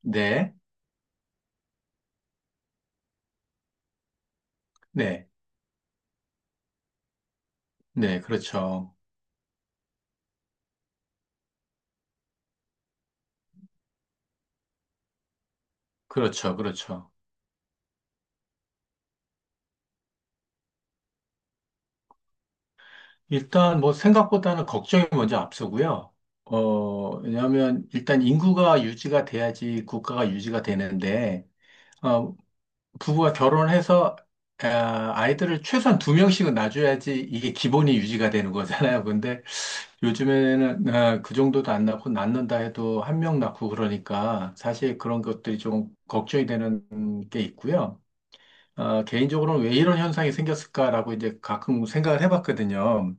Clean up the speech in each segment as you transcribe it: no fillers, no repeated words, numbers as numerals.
네, 네, 네, 그렇죠. 그렇죠, 그렇죠. 일단 뭐 생각보다는 걱정이 먼저 앞서고요. 왜냐하면 일단 인구가 유지가 돼야지 국가가 유지가 되는데, 어, 부부가 결혼해서 아이들을 최소한 2명씩은 낳아줘야지 이게 기본이 유지가 되는 거잖아요. 근데 요즘에는 그 정도도 안 낳고 낳는다 해도 1명 낳고 그러니까 사실 그런 것들이 좀 걱정이 되는 게 있고요. 개인적으로는 왜 이런 현상이 생겼을까라고 이제 가끔 생각을 해봤거든요.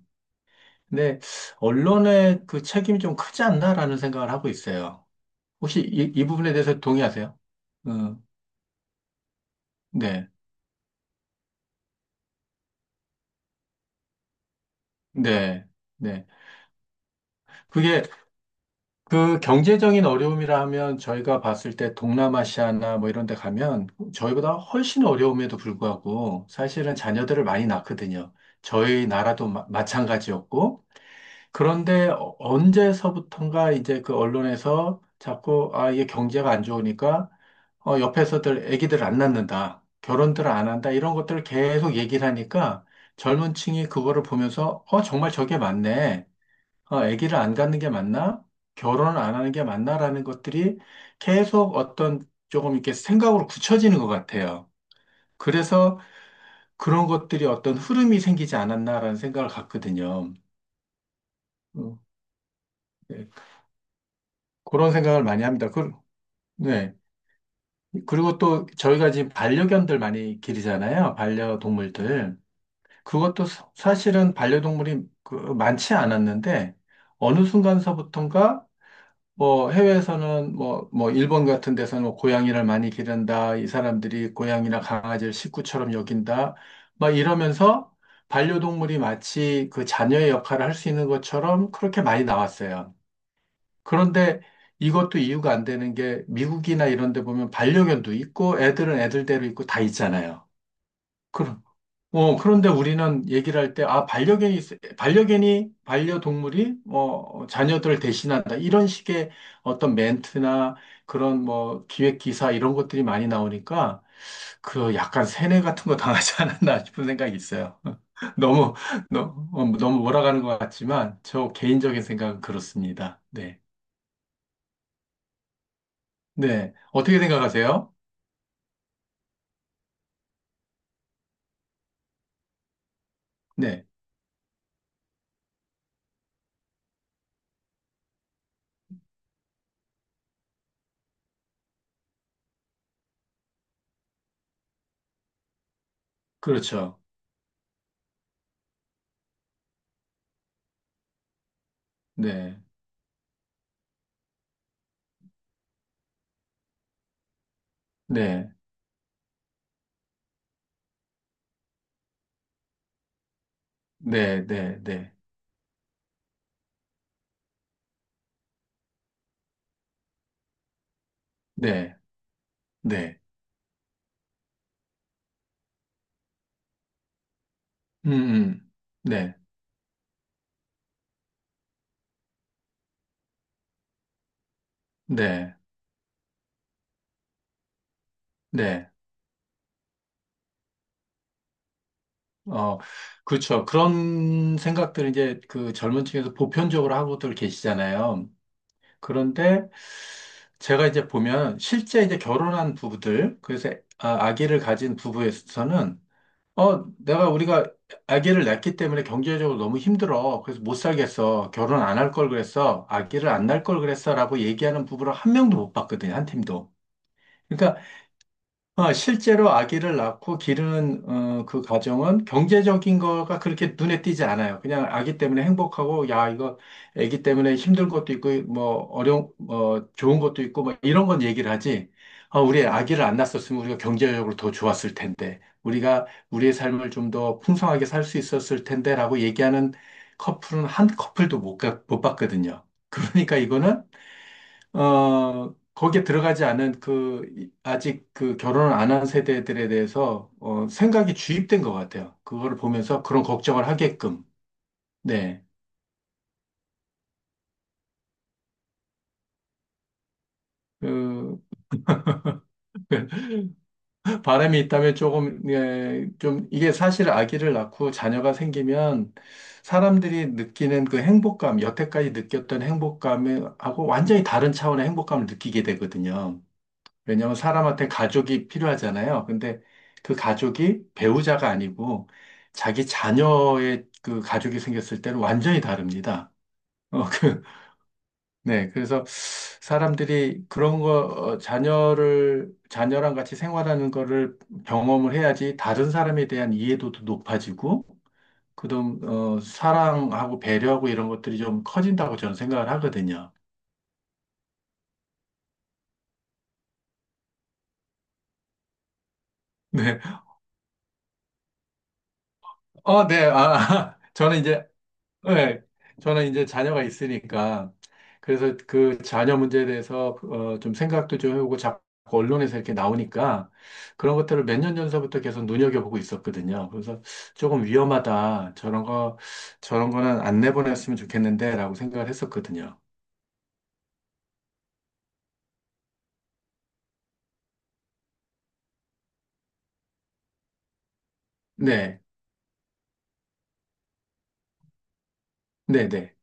근데 언론의 그 책임이 좀 크지 않나라는 생각을 하고 있어요. 혹시 이 부분에 대해서 동의하세요? 음, 네, 네, 네. 그게 그 경제적인 어려움이라 하면 저희가 봤을 때 동남아시아나 뭐 이런 데 가면 저희보다 훨씬 어려움에도 불구하고 사실은 자녀들을 많이 낳거든요. 저희 나라도 찬가지였고, 그런데 언제서부턴가 이제 그 언론에서 자꾸 이게 경제가 안 좋으니까 옆에서들 애기들 안 낳는다, 결혼들 안 한다, 이런 것들을 계속 얘기를 하니까 젊은 층이 그거를 보면서 정말 저게 맞네, 애기를 안 갖는 게 맞나, 결혼을 안 하는 게 맞나라는 것들이 계속 어떤 조금 이렇게 생각으로 굳혀지는 것 같아요. 그래서 그런 것들이 어떤 흐름이 생기지 않았나라는 생각을 갖거든요. 음, 네. 그런 생각을 많이 합니다. 그, 네. 그리고 또 저희가 지금 반려견들 많이 기르잖아요, 반려동물들. 그것도 사실은 반려동물이 그 많지 않았는데 어느 순간서부턴가 뭐 해외에서는 뭐 일본 같은 데서는 뭐 고양이를 많이 기른다, 이 사람들이 고양이나 강아지를 식구처럼 여긴다, 막 이러면서 반려동물이 마치 그 자녀의 역할을 할 수 있는 것처럼 그렇게 많이 나왔어요. 그런데 이것도 이유가 안 되는 게 미국이나 이런 데 보면 반려견도 있고 애들은 애들대로 있고 다 있잖아요. 그럼, 그런데 우리는 얘기를 할 때, 반려동물이, 자녀들을 대신한다, 이런 식의 어떤 멘트나 그런 뭐 기획 기사 이런 것들이 많이 나오니까 그 약간 세뇌 같은 거 당하지 않았나 싶은 생각이 있어요. 너무, 너, 무 너무 몰아가는 것 같지만 저 개인적인 생각은 그렇습니다. 네. 네. 어떻게 생각하세요? 네. 그렇죠. 네. 네. 네. 네. 네. 네. 네. 음. 음. 네. 네. 네. 어, 그렇죠. 그런 생각들을 이제 그 젊은 층에서 보편적으로 하고들 계시잖아요. 그런데 제가 이제 보면 실제 이제 결혼한 부부들, 그래서 아기를 가진 부부에서는 내가 우리가 아기를 낳기 때문에 경제적으로 너무 힘들어, 그래서 못 살겠어, 결혼 안 할 걸 그랬어, 아기를 안 낳을 걸 그랬어. 라고 얘기하는 부부를 1명도 못 봤거든, 1팀도. 그러니까 실제로 아기를 낳고 기르는 그 과정은 경제적인 거가 그렇게 눈에 띄지 않아요. 그냥 아기 때문에 행복하고, 야 이거 아기 때문에 힘든 것도 있고 뭐 어려운 좋은 것도 있고 뭐 이런 건 얘기를 하지. 우리 아기를 안 낳았었으면 우리가 경제적으로 더 좋았을 텐데, 우리가 우리의 삶을 좀 더 풍성하게 살 수 있었을 텐데라고 얘기하는 커플은 1커플도 못 봤거든요. 그러니까 이거는 거기에 들어가지 않은 그, 아직 그 결혼을 안 한 세대들에 대해서, 생각이 주입된 것 같아요, 그거를 보면서 그런 걱정을 하게끔. 네. 그, 바람이 있다면 조금, 예, 좀, 이게 사실 아기를 낳고 자녀가 생기면 사람들이 느끼는 그 행복감, 여태까지 느꼈던 행복감하고 완전히 다른 차원의 행복감을 느끼게 되거든요. 왜냐면 하 사람한테 가족이 필요하잖아요. 근데 그 가족이 배우자가 아니고 자기 자녀의 그 가족이 생겼을 때는 완전히 다릅니다. 그, 네. 그래서 사람들이 그런 거, 자녀랑 같이 생활하는 거를 경험을 해야지 다른 사람에 대한 이해도도 높아지고, 그다음, 사랑하고 배려하고 이런 것들이 좀 커진다고 저는 생각을 하거든요. 네. 네. 저는 이제 네, 저는 이제 자녀가 있으니까 그래서 그 자녀 문제에 대해서 좀 생각도 좀 해보고, 자꾸 언론에서 이렇게 나오니까 그런 것들을 몇 년 전서부터 계속 눈여겨보고 있었거든요. 그래서 조금 위험하다, 저런 거, 저런 거는 안 내보냈으면 좋겠는데라고 생각을 했었거든요. 네, 네, 네.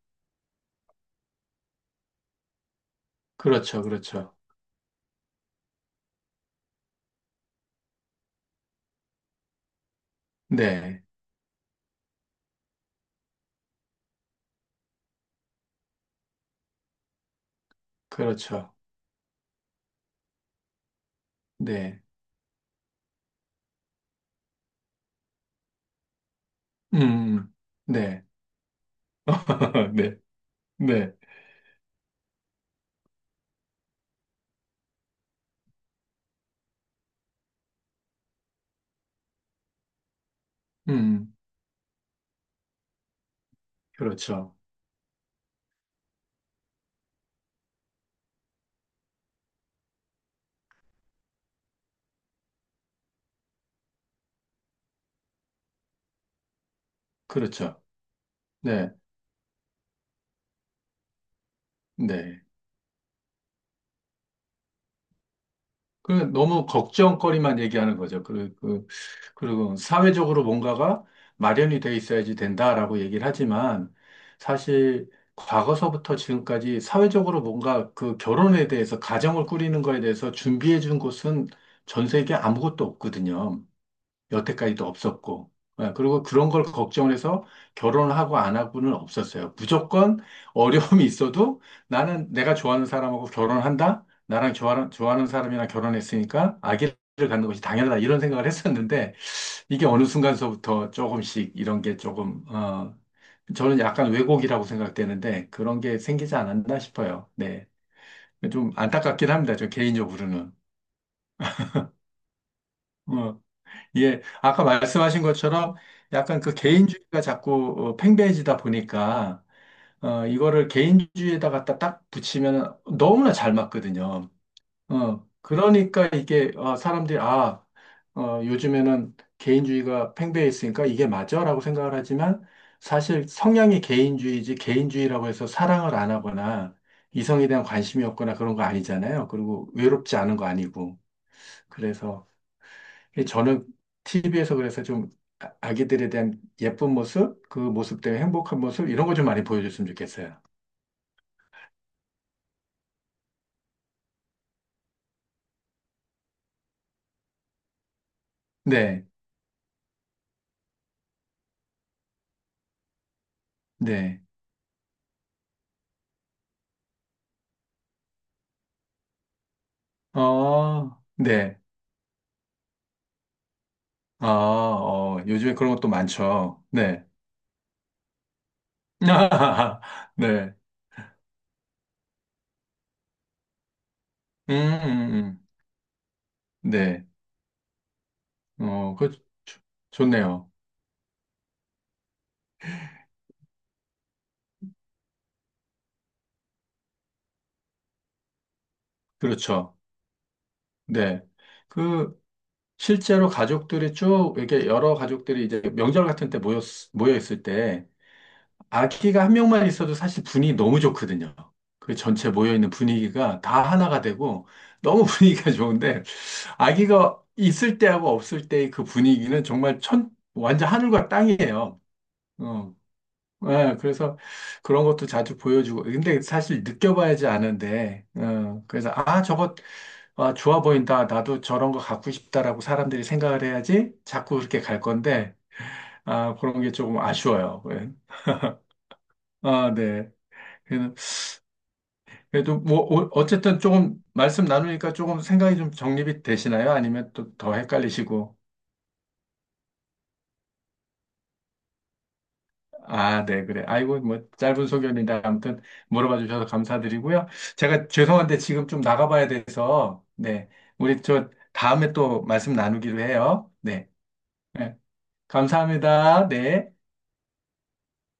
그렇죠, 그렇죠. 네, 그렇죠. 네, 음, 음. 네, 네, 네, 음, 음. 그렇죠, 그렇죠. 네, 네. 그 너무 걱정거리만 얘기하는 거죠. 그리고 사회적으로 뭔가가 마련이 돼 있어야지 된다라고 얘기를 하지만 사실 과거서부터 지금까지 사회적으로 뭔가 그 결혼에 대해서, 가정을 꾸리는 거에 대해서 준비해 준 곳은 전 세계 아무것도 없거든요. 여태까지도 없었고. 예, 그리고 그런 걸 걱정해서 결혼을 하고 안 하고는 없었어요. 무조건 어려움이 있어도 나는 내가 좋아하는 사람하고 결혼한다, 나랑 좋아하는 사람이랑 결혼했으니까 아기를 갖는 것이 당연하다, 이런 생각을 했었는데 이게 어느 순간서부터 조금씩 이런 게 조금, 저는 약간 왜곡이라고 생각되는데 그런 게 생기지 않았나 싶어요. 네. 좀 안타깝긴 합니다, 저 개인적으로는. 어, 예, 아까 말씀하신 것처럼 약간 그 개인주의가 자꾸 팽배해지다 보니까 이거를 개인주의에다 갖다 딱 붙이면 너무나 잘 맞거든요. 그러니까 이게 사람들이 요즘에는 개인주의가 팽배해 있으니까 이게 맞아라고 생각을 하지만 사실 성향이 개인주의지, 개인주의라고 해서 사랑을 안 하거나 이성에 대한 관심이 없거나 그런 거 아니잖아요. 그리고 외롭지 않은 거 아니고. 그래서 이 저는 TV에서 그래서 좀 아기들에 대한 예쁜 모습, 그 모습 때문에 행복한 모습, 이런 거 좀 많이 보여줬으면 좋겠어요. 네, 네. 네. 요즘에 그런 것도 많죠. 네. 네. 음, 음, 음. 네. 그, 좋- 좋네요. 그렇죠. 네. 그, 실제로 가족들이 쭉, 이렇게 여러 가족들이 이제 명절 같은 때 모여 있을 때, 아기가 1명만 있어도 사실 분위기 너무 좋거든요. 그 전체 모여있는 분위기가 다 하나가 되고 너무 분위기가 좋은데 아기가 있을 때하고 없을 때의 그 분위기는 정말 완전 하늘과 땅이에요. 어. 예, 그래서 그런 것도 자주 보여주고, 근데 사실 느껴봐야지 아는데 그래서 아 저거 좋아 보인다, 나도 저런 거 갖고 싶다라고 사람들이 생각을 해야지 자꾸 그렇게 갈 건데, 그런 게 조금 아쉬워요. 예. 네. 그래도 뭐 어쨌든 조금 말씀 나누니까 조금 생각이 좀 정립이 되시나요? 아니면 또 더 헷갈리시고. 네, 그래. 아이고 뭐 짧은 소견인데 아무튼 물어봐 주셔서 감사드리고요. 제가 죄송한데 지금 좀 나가봐야 돼서 네, 우리 저 다음에 또 말씀 나누기로 해요. 네, 네. 감사합니다. 네.